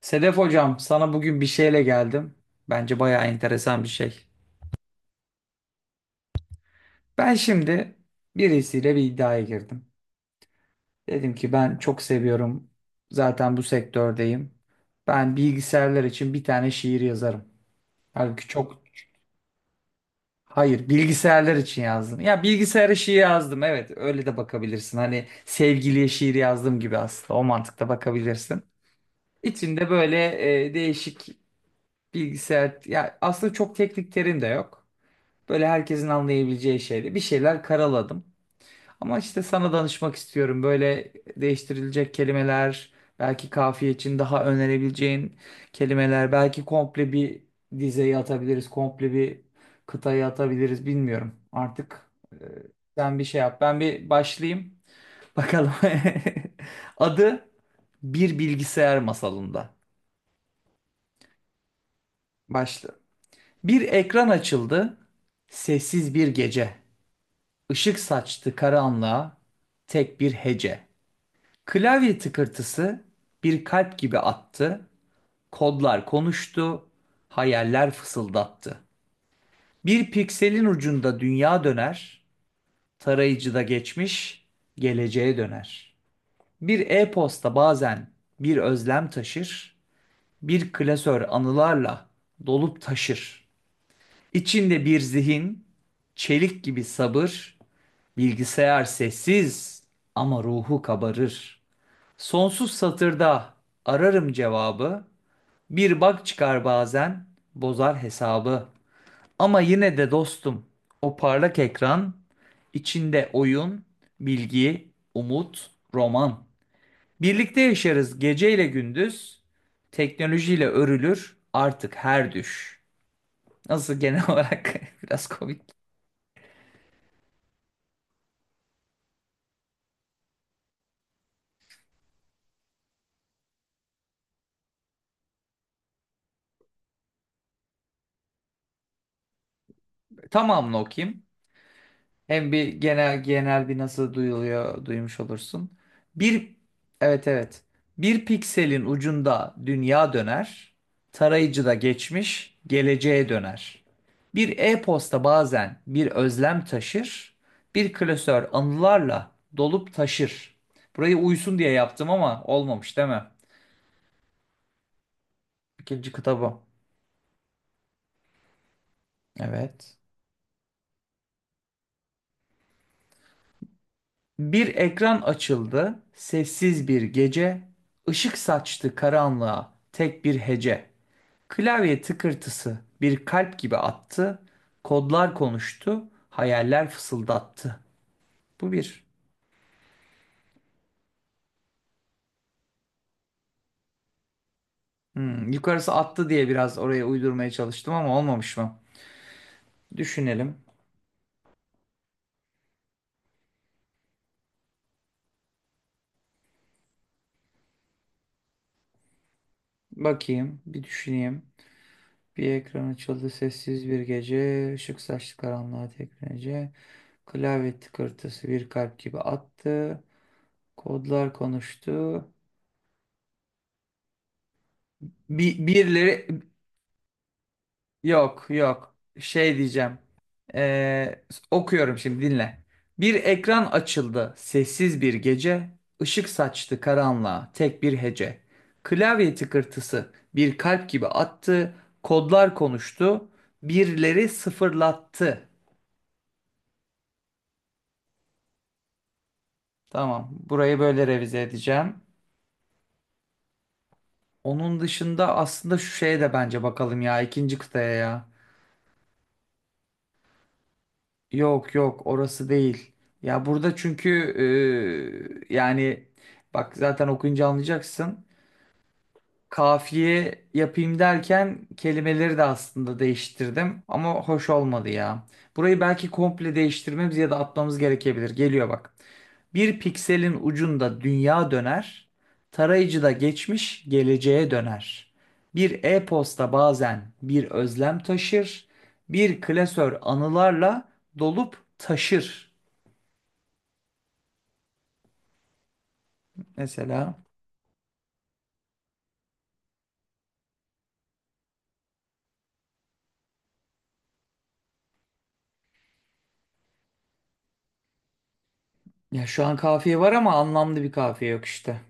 Sedef hocam, sana bugün bir şeyle geldim. Bence bayağı enteresan bir şey. Ben şimdi birisiyle bir iddiaya girdim. Dedim ki ben çok seviyorum. Zaten bu sektördeyim. Ben bilgisayarlar için bir tane şiir yazarım. Halbuki çok. Hayır, bilgisayarlar için yazdım. Ya bilgisayara şiir yazdım. Evet, öyle de bakabilirsin. Hani sevgiliye şiir yazdım gibi aslında. O mantıkta bakabilirsin. İçinde böyle değişik bilgisayar ya aslında çok teknik terim de yok. Böyle herkesin anlayabileceği şeyde bir şeyler karaladım. Ama işte sana danışmak istiyorum. Böyle değiştirilecek kelimeler, belki kafiye için daha önerebileceğin kelimeler, belki komple bir dizeyi atabiliriz, komple bir kıtayı atabiliriz bilmiyorum. Artık sen bir şey yap. Ben bir başlayayım. Bakalım. Adı Bir Bilgisayar Masalında. Başla. Bir ekran açıldı. Sessiz bir gece. Işık saçtı karanlığa tek bir hece. Klavye tıkırtısı bir kalp gibi attı. Kodlar konuştu, hayaller fısıldattı. Bir pikselin ucunda dünya döner, tarayıcıda geçmiş, geleceğe döner. Bir e-posta bazen bir özlem taşır, bir klasör anılarla dolup taşır. İçinde bir zihin, çelik gibi sabır, bilgisayar sessiz ama ruhu kabarır. Sonsuz satırda ararım cevabı. Bir bak çıkar bazen bozar hesabı. Ama yine de dostum o parlak ekran içinde oyun, bilgi, umut, roman. Birlikte yaşarız geceyle gündüz. Teknolojiyle örülür artık her düş. Nasıl genel olarak biraz komik. Tamamını okuyayım. Hem bir genel bir nasıl duyuluyor duymuş olursun. Bir, evet evet. Bir pikselin ucunda dünya döner. Tarayıcıda geçmiş, geleceğe döner. Bir e-posta bazen bir özlem taşır. Bir klasör anılarla dolup taşır. Burayı uysun diye yaptım ama olmamış değil mi? İkinci kitabı. Evet. Bir ekran açıldı, sessiz bir gece, ışık saçtı karanlığa tek bir hece. Klavye tıkırtısı bir kalp gibi attı. Kodlar konuştu, hayaller fısıldattı. Bu bir. Hmm, yukarısı attı diye biraz oraya uydurmaya çalıştım ama olmamış mı? Düşünelim. Bakayım, bir düşüneyim. Bir ekran açıldı sessiz bir gece. Işık saçlı karanlığa tekmece. Klavye tıkırtısı bir kalp gibi attı. Kodlar konuştu. Birileri. Yok yok. Şey diyeceğim. Ee, okuyorum şimdi dinle. Bir ekran açıldı. Sessiz bir gece. Işık saçtı karanlığa. Tek bir hece. Klavye tıkırtısı bir kalp gibi attı. Kodlar konuştu. Birleri sıfırlattı. Tamam. Burayı böyle revize edeceğim. Onun dışında aslında şu şeye de bence bakalım ya, ikinci kıtaya ya. Yok yok orası değil. Ya burada çünkü yani bak zaten okuyunca anlayacaksın kafiye yapayım derken kelimeleri de aslında değiştirdim ama hoş olmadı ya. Burayı belki komple değiştirmemiz ya da atmamız gerekebilir. Geliyor bak. Bir pikselin ucunda dünya döner, tarayıcıda geçmiş geleceğe döner. Bir e-posta bazen bir özlem taşır, bir klasör anılarla dolup taşır. Mesela ya şu an kafiye var ama anlamlı bir kafiye yok işte.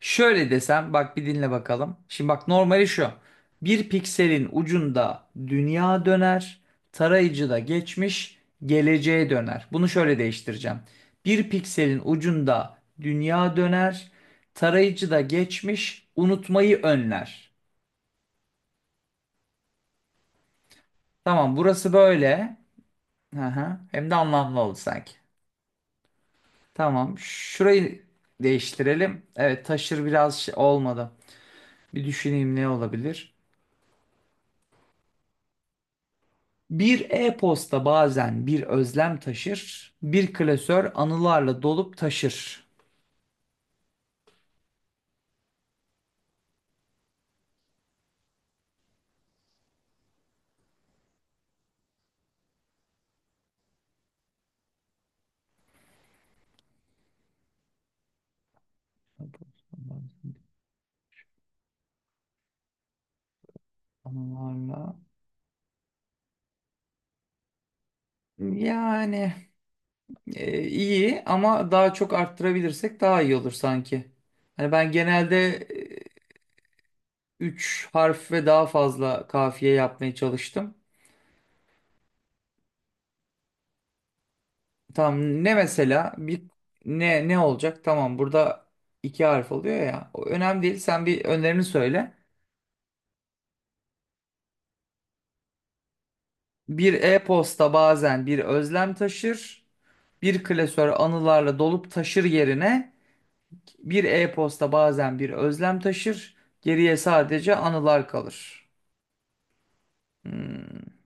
Şöyle desem bak bir dinle bakalım. Şimdi bak normali şu. Bir pikselin ucunda dünya döner, tarayıcıda geçmiş, geleceğe döner. Bunu şöyle değiştireceğim. Bir pikselin ucunda dünya döner, tarayıcıda geçmiş, unutmayı önler. Tamam burası böyle. Hı hı. Hem de anlamlı oldu sanki. Tamam şurayı değiştirelim. Evet taşır biraz şey olmadı. Bir düşüneyim ne olabilir? Bir e-posta bazen bir özlem taşır, bir klasör anılarla dolup taşır. Anılarla. Yani iyi ama daha çok arttırabilirsek daha iyi olur sanki. Hani ben genelde 3 harf ve daha fazla kafiye yapmaya çalıştım. Tamam ne mesela bir ne olacak? Tamam burada iki harf oluyor ya. O önemli değil. Sen bir önerini söyle. Bir e-posta bazen bir özlem taşır, bir klasör anılarla dolup taşır yerine bir e-posta bazen bir özlem taşır, geriye sadece anılar kalır. Hmm.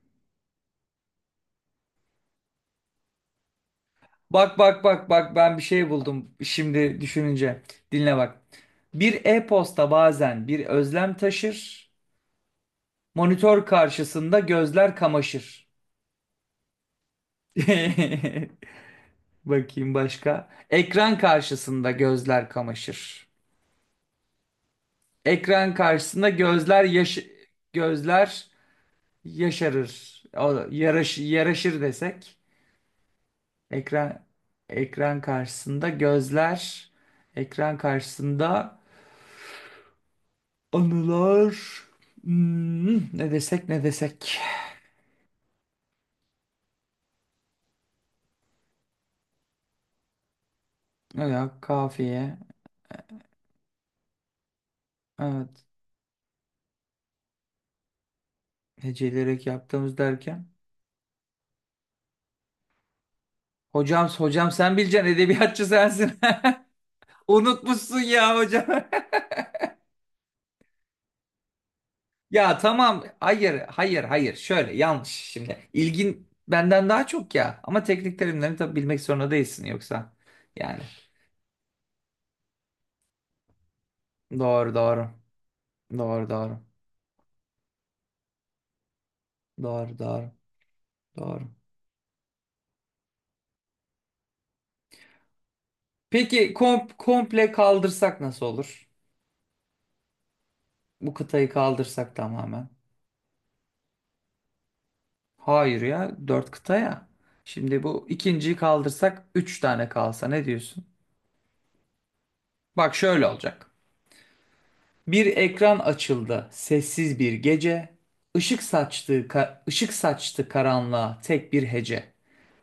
Bak, ben bir şey buldum şimdi düşününce. Dinle bak. Bir e-posta bazen bir özlem taşır, monitör karşısında gözler kamaşır. Bakayım başka. Ekran karşısında gözler kamaşır. Ekran karşısında gözler yaş, gözler yaşarır. O, yaraş yaraşır desek. Ekran ekran karşısında gözler, ekran karşısında anılar. Hmm, ne desek. Ya kafiye. Evet. Heceleyerek yaptığımız derken. Hocam, sen bileceksin edebiyatçı sensin. Unutmuşsun ya hocam. Ya tamam hayır, şöyle yanlış şimdi ilgin benden daha çok ya ama teknik terimlerini tabii bilmek zorunda değilsin yoksa yani doğru doğru doğru doğru doğru doğru doğru. Peki komple kaldırsak nasıl olur? Bu kıtayı kaldırsak tamamen. Hayır ya dört kıta ya. Şimdi bu ikinciyi kaldırsak üç tane kalsa ne diyorsun? Bak şöyle olacak. Bir ekran açıldı, sessiz bir gece. Işık saçtı karanlığa tek bir hece.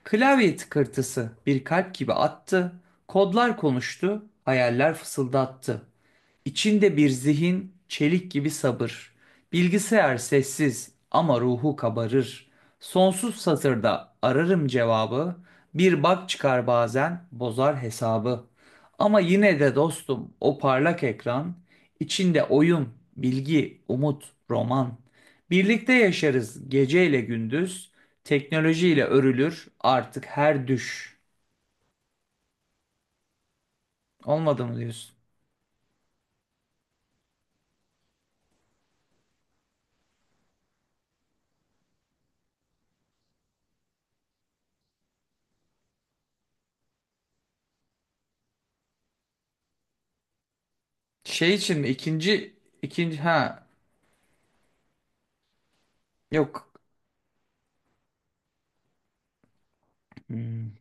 Klavye tıkırtısı bir kalp gibi attı. Kodlar konuştu, hayaller fısıldattı. İçinde bir zihin, çelik gibi sabır. Bilgisayar sessiz ama ruhu kabarır. Sonsuz satırda ararım cevabı. Bir bak çıkar bazen bozar hesabı. Ama yine de dostum o parlak ekran, içinde oyun, bilgi, umut, roman. Birlikte yaşarız geceyle gündüz. Teknolojiyle örülür artık her düş. Olmadı mı diyorsun? Şey için mi? İkinci ikinci, ha, yok. Hmm.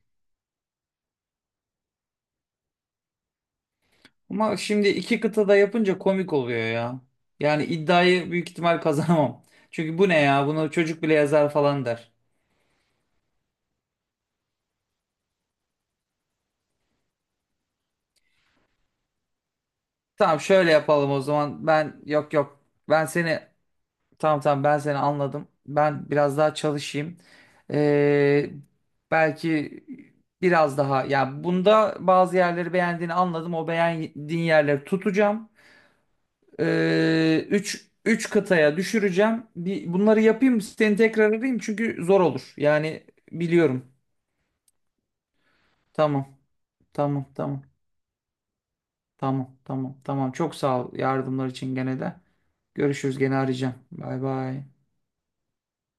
Ama şimdi iki kıtada yapınca komik oluyor ya. Yani iddiayı büyük ihtimal kazanamam. Çünkü bu ne ya? Bunu çocuk bile yazar falan der. Tamam şöyle yapalım o zaman. Ben yok yok. Ben seni, tamam, ben seni anladım. Ben biraz daha çalışayım. Ee, belki biraz daha, ya bunda bazı yerleri beğendiğini anladım. O beğendiğin yerleri tutacağım. Üç kıtaya düşüreceğim. Bir, bunları yapayım seni tekrar arayayım çünkü zor olur. Yani biliyorum. Tamam. Tamam. Tamam. Tamam. Tamam. Tamam. Çok sağ ol yardımlar için gene de. Görüşürüz gene arayacağım. Bay bay.